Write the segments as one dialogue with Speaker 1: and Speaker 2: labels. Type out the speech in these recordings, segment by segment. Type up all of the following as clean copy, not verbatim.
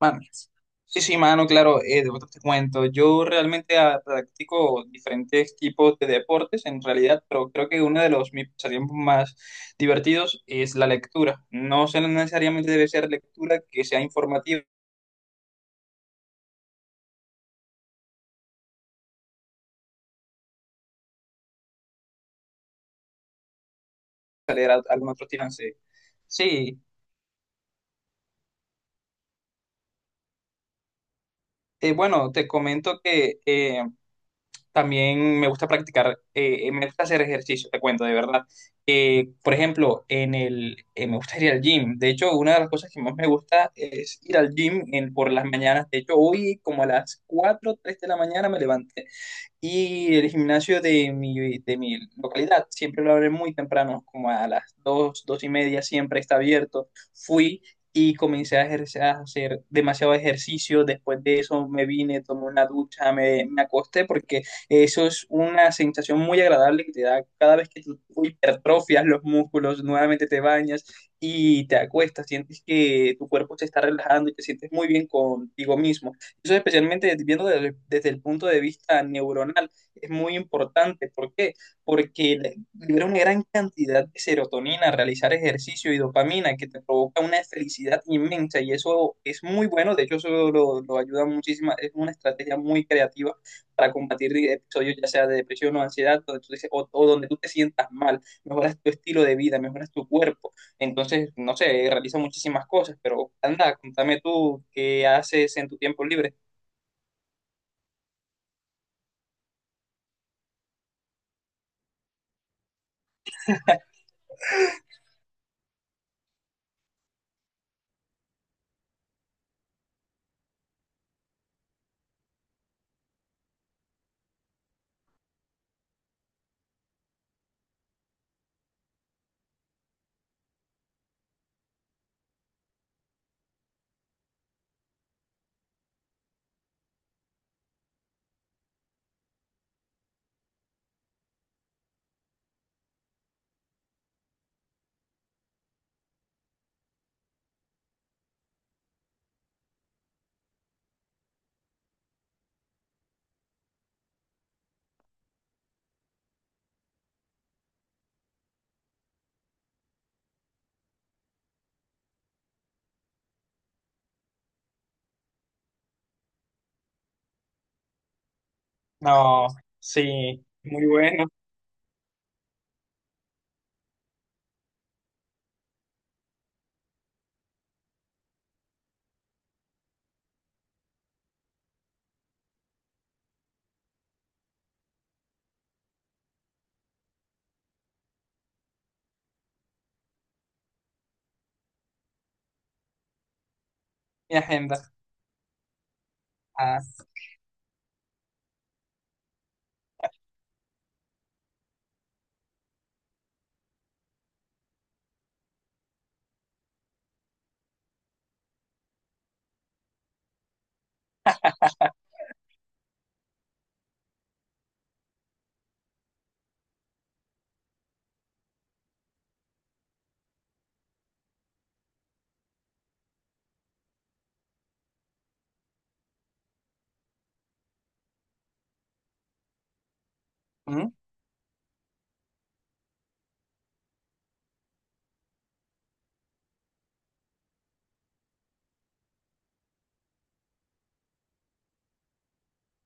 Speaker 1: Mano, sí, sí, mano, claro, de verdad te cuento. Yo realmente practico diferentes tipos de deportes en realidad, pero creo que uno de los mis pasatiempos más divertidos es la lectura. No necesariamente debe ser lectura que sea informativa, leer algún otro tirante. Sí, bueno, te comento que también me gusta practicar, me gusta hacer ejercicio, te cuento, de verdad. Por ejemplo, me gusta ir al gym. De hecho, una de las cosas que más me gusta es ir al gym por las mañanas. De hecho, hoy como a las 4 3 de la mañana me levanté y el gimnasio de mi localidad siempre lo abre muy temprano, como a las dos, dos y media, siempre está abierto. Fui y comencé a ejercer, a hacer demasiado ejercicio. Después de eso me vine, tomé una ducha, me acosté, porque eso es una sensación muy agradable que te da cada vez que tú hipertrofias los músculos, nuevamente te bañas y te acuestas, sientes que tu cuerpo se está relajando y te sientes muy bien contigo mismo. Eso especialmente viendo desde el punto de vista neuronal es muy importante. ¿Por qué? Porque libera una gran cantidad de serotonina, realizar ejercicio y dopamina que te provoca una felicidad inmensa y eso es muy bueno. De hecho, lo ayuda muchísimo. Es una estrategia muy creativa para combatir episodios ya sea de depresión o ansiedad donde tú o donde tú te sientas mal. Mejoras tu estilo de vida, mejoras tu cuerpo. Entonces, no sé, realiza muchísimas cosas, pero anda, contame tú qué haces en tu tiempo libre. No, sí, muy bueno. Mi agenda. Ah, ¿mm?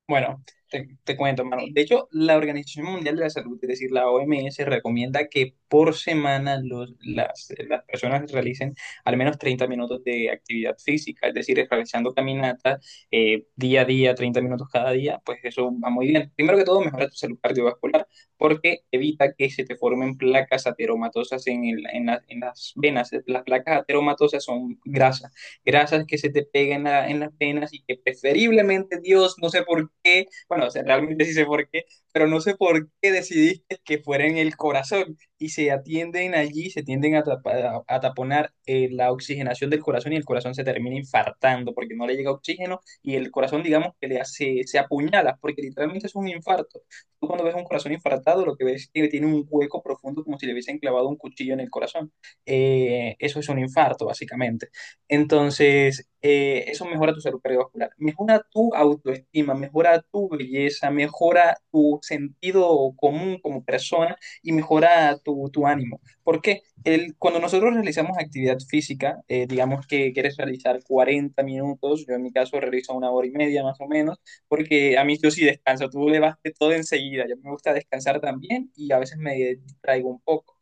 Speaker 1: Bueno, te cuento, mano. De hecho, la Organización Mundial de la Salud, es decir, la OMS, recomienda que por semana las personas realicen al menos 30 minutos de actividad física, es decir, realizando caminatas día a día, 30 minutos cada día, pues eso va muy bien. Primero que todo, mejora tu salud cardiovascular porque evita que se te formen placas ateromatosas en las venas. Las placas ateromatosas son grasas que se te pegan en las venas y que preferiblemente Dios, no sé por qué, bueno, o sea, realmente sí sé por qué, pero no sé por qué decidiste que fuera en el corazón y se atienden allí, se tienden a a taponar la oxigenación del corazón y el corazón se termina infartando porque no le llega oxígeno y el corazón, digamos, que le hace, se apuñala porque literalmente es un infarto. Tú cuando ves un corazón infartado, lo que ves es que tiene un hueco profundo como si le hubiesen clavado un cuchillo en el corazón. Eso es un infarto, básicamente. Entonces, eso mejora tu salud cardiovascular, mejora tu autoestima, mejora tu belleza, mejora tu sentido común como persona y mejora tu ánimo. Porque el, cuando nosotros realizamos actividad física, digamos que quieres realizar 40 minutos, yo en mi caso realizo una hora y media más o menos, porque a mí yo sí descanso, tú le vas de todo enseguida, yo me gusta descansar también y a veces me distraigo un poco.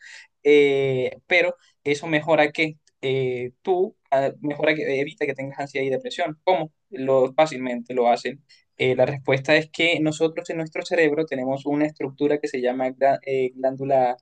Speaker 1: Pero eso mejora que tú mejora que evita que tengas ansiedad y depresión. ¿Cómo? Lo fácilmente lo hacen. La respuesta es que nosotros en nuestro cerebro tenemos una estructura que se llama glándula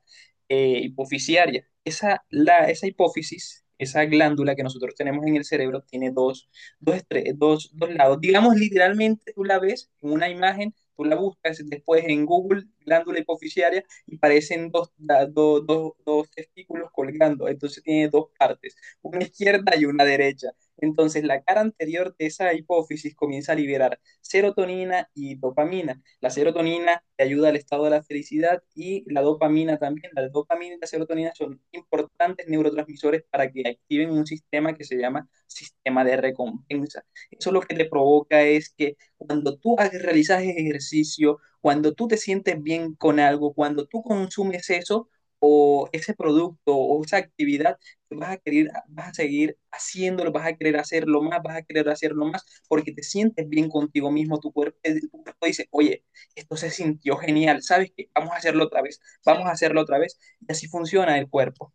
Speaker 1: hipofisiaria. Esa hipófisis, esa glándula que nosotros tenemos en el cerebro, tiene dos, dos lados. Digamos, literalmente tú la ves en una imagen, tú la buscas después en Google, glándula hipofisiaria y parecen dos testículos colgando, entonces tiene dos partes, una izquierda y una derecha. Entonces la cara anterior de esa hipófisis comienza a liberar serotonina y dopamina. La serotonina te ayuda al estado de la felicidad y la dopamina también. La dopamina y la serotonina son importantes neurotransmisores para que activen un sistema que se llama sistema de recompensa. Eso lo que te provoca es que cuando tú realizas ejercicio, cuando tú te sientes bien con algo, cuando tú consumes eso o ese producto o esa actividad, vas a querer, vas a seguir haciéndolo, vas a querer hacerlo más, vas a querer hacerlo más, porque te sientes bien contigo mismo, tu cuerpo dice, oye, esto se sintió genial, ¿sabes qué? Vamos a hacerlo otra vez, vamos a hacerlo otra vez, y así funciona el cuerpo.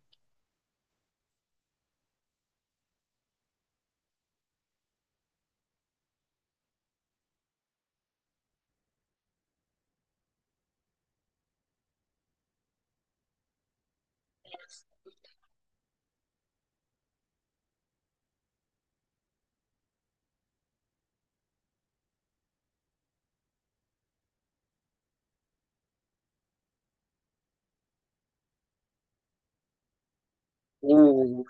Speaker 1: Uh,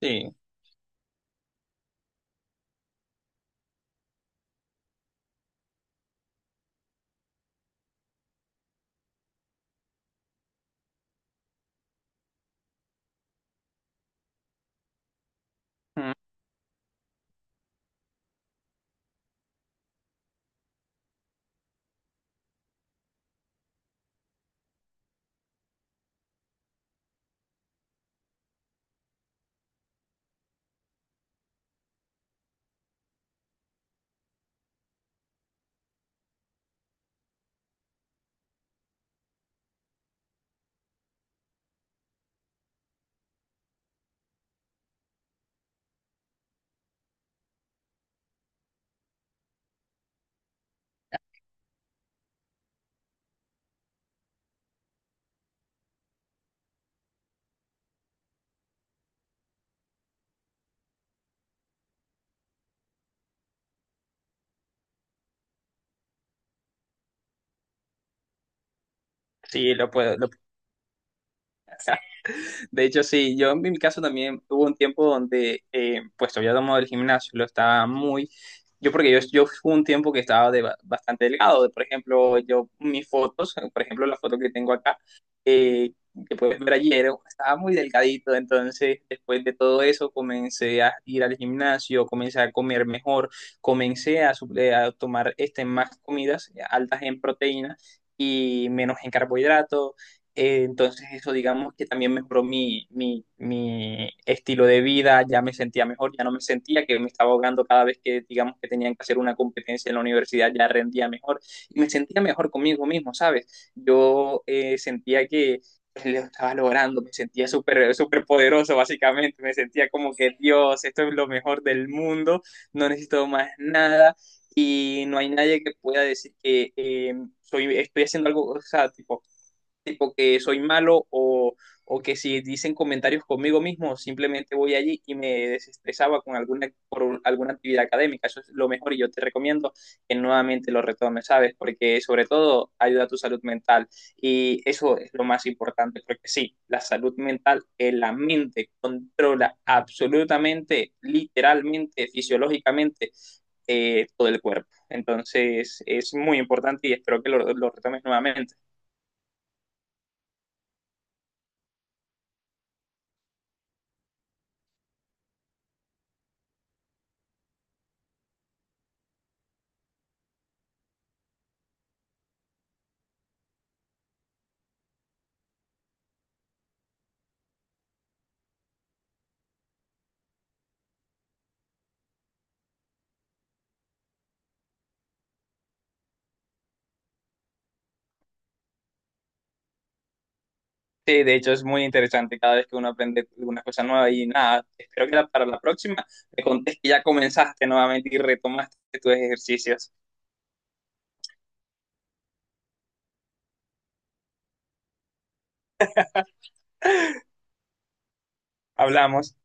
Speaker 1: sí, mm, sí, lo puedo, lo de hecho, sí, yo en mi caso también hubo un tiempo donde, pues había tomado el gimnasio, lo estaba muy, yo porque yo fui un tiempo que estaba de, bastante delgado, por ejemplo, yo mis fotos, por ejemplo, la foto que tengo acá, eh, que puedes ver ayer, estaba muy delgadito, entonces después de todo eso comencé a ir al gimnasio, comencé a comer mejor, comencé a, a tomar este, más comidas altas en proteínas y menos en carbohidratos, entonces eso, digamos que también mejoró mi estilo de vida, ya me sentía mejor, ya no me sentía que me estaba ahogando cada vez que, digamos, que tenían que hacer una competencia en la universidad, ya rendía mejor y me sentía mejor conmigo mismo, ¿sabes? Yo sentía que pues, lo estaba logrando, me sentía súper, súper poderoso, básicamente, me sentía como que Dios, esto es lo mejor del mundo, no necesito más nada y no hay nadie que pueda decir que soy, estoy haciendo algo, o sea, tipo que soy malo o que si dicen comentarios conmigo mismo, simplemente voy allí y me desestresaba con alguna, por alguna actividad académica. Eso es lo mejor y yo te recomiendo que nuevamente lo retomes, ¿sabes? Porque sobre todo ayuda a tu salud mental y eso es lo más importante, porque sí, la salud mental, que la mente controla absolutamente, literalmente, fisiológicamente todo el cuerpo. Entonces es muy importante y espero que lo retomes nuevamente. Sí, de hecho es muy interesante cada vez que uno aprende alguna cosa nueva y nada, espero que para la próxima me contes que ya comenzaste nuevamente y retomaste tus ejercicios. Hablamos.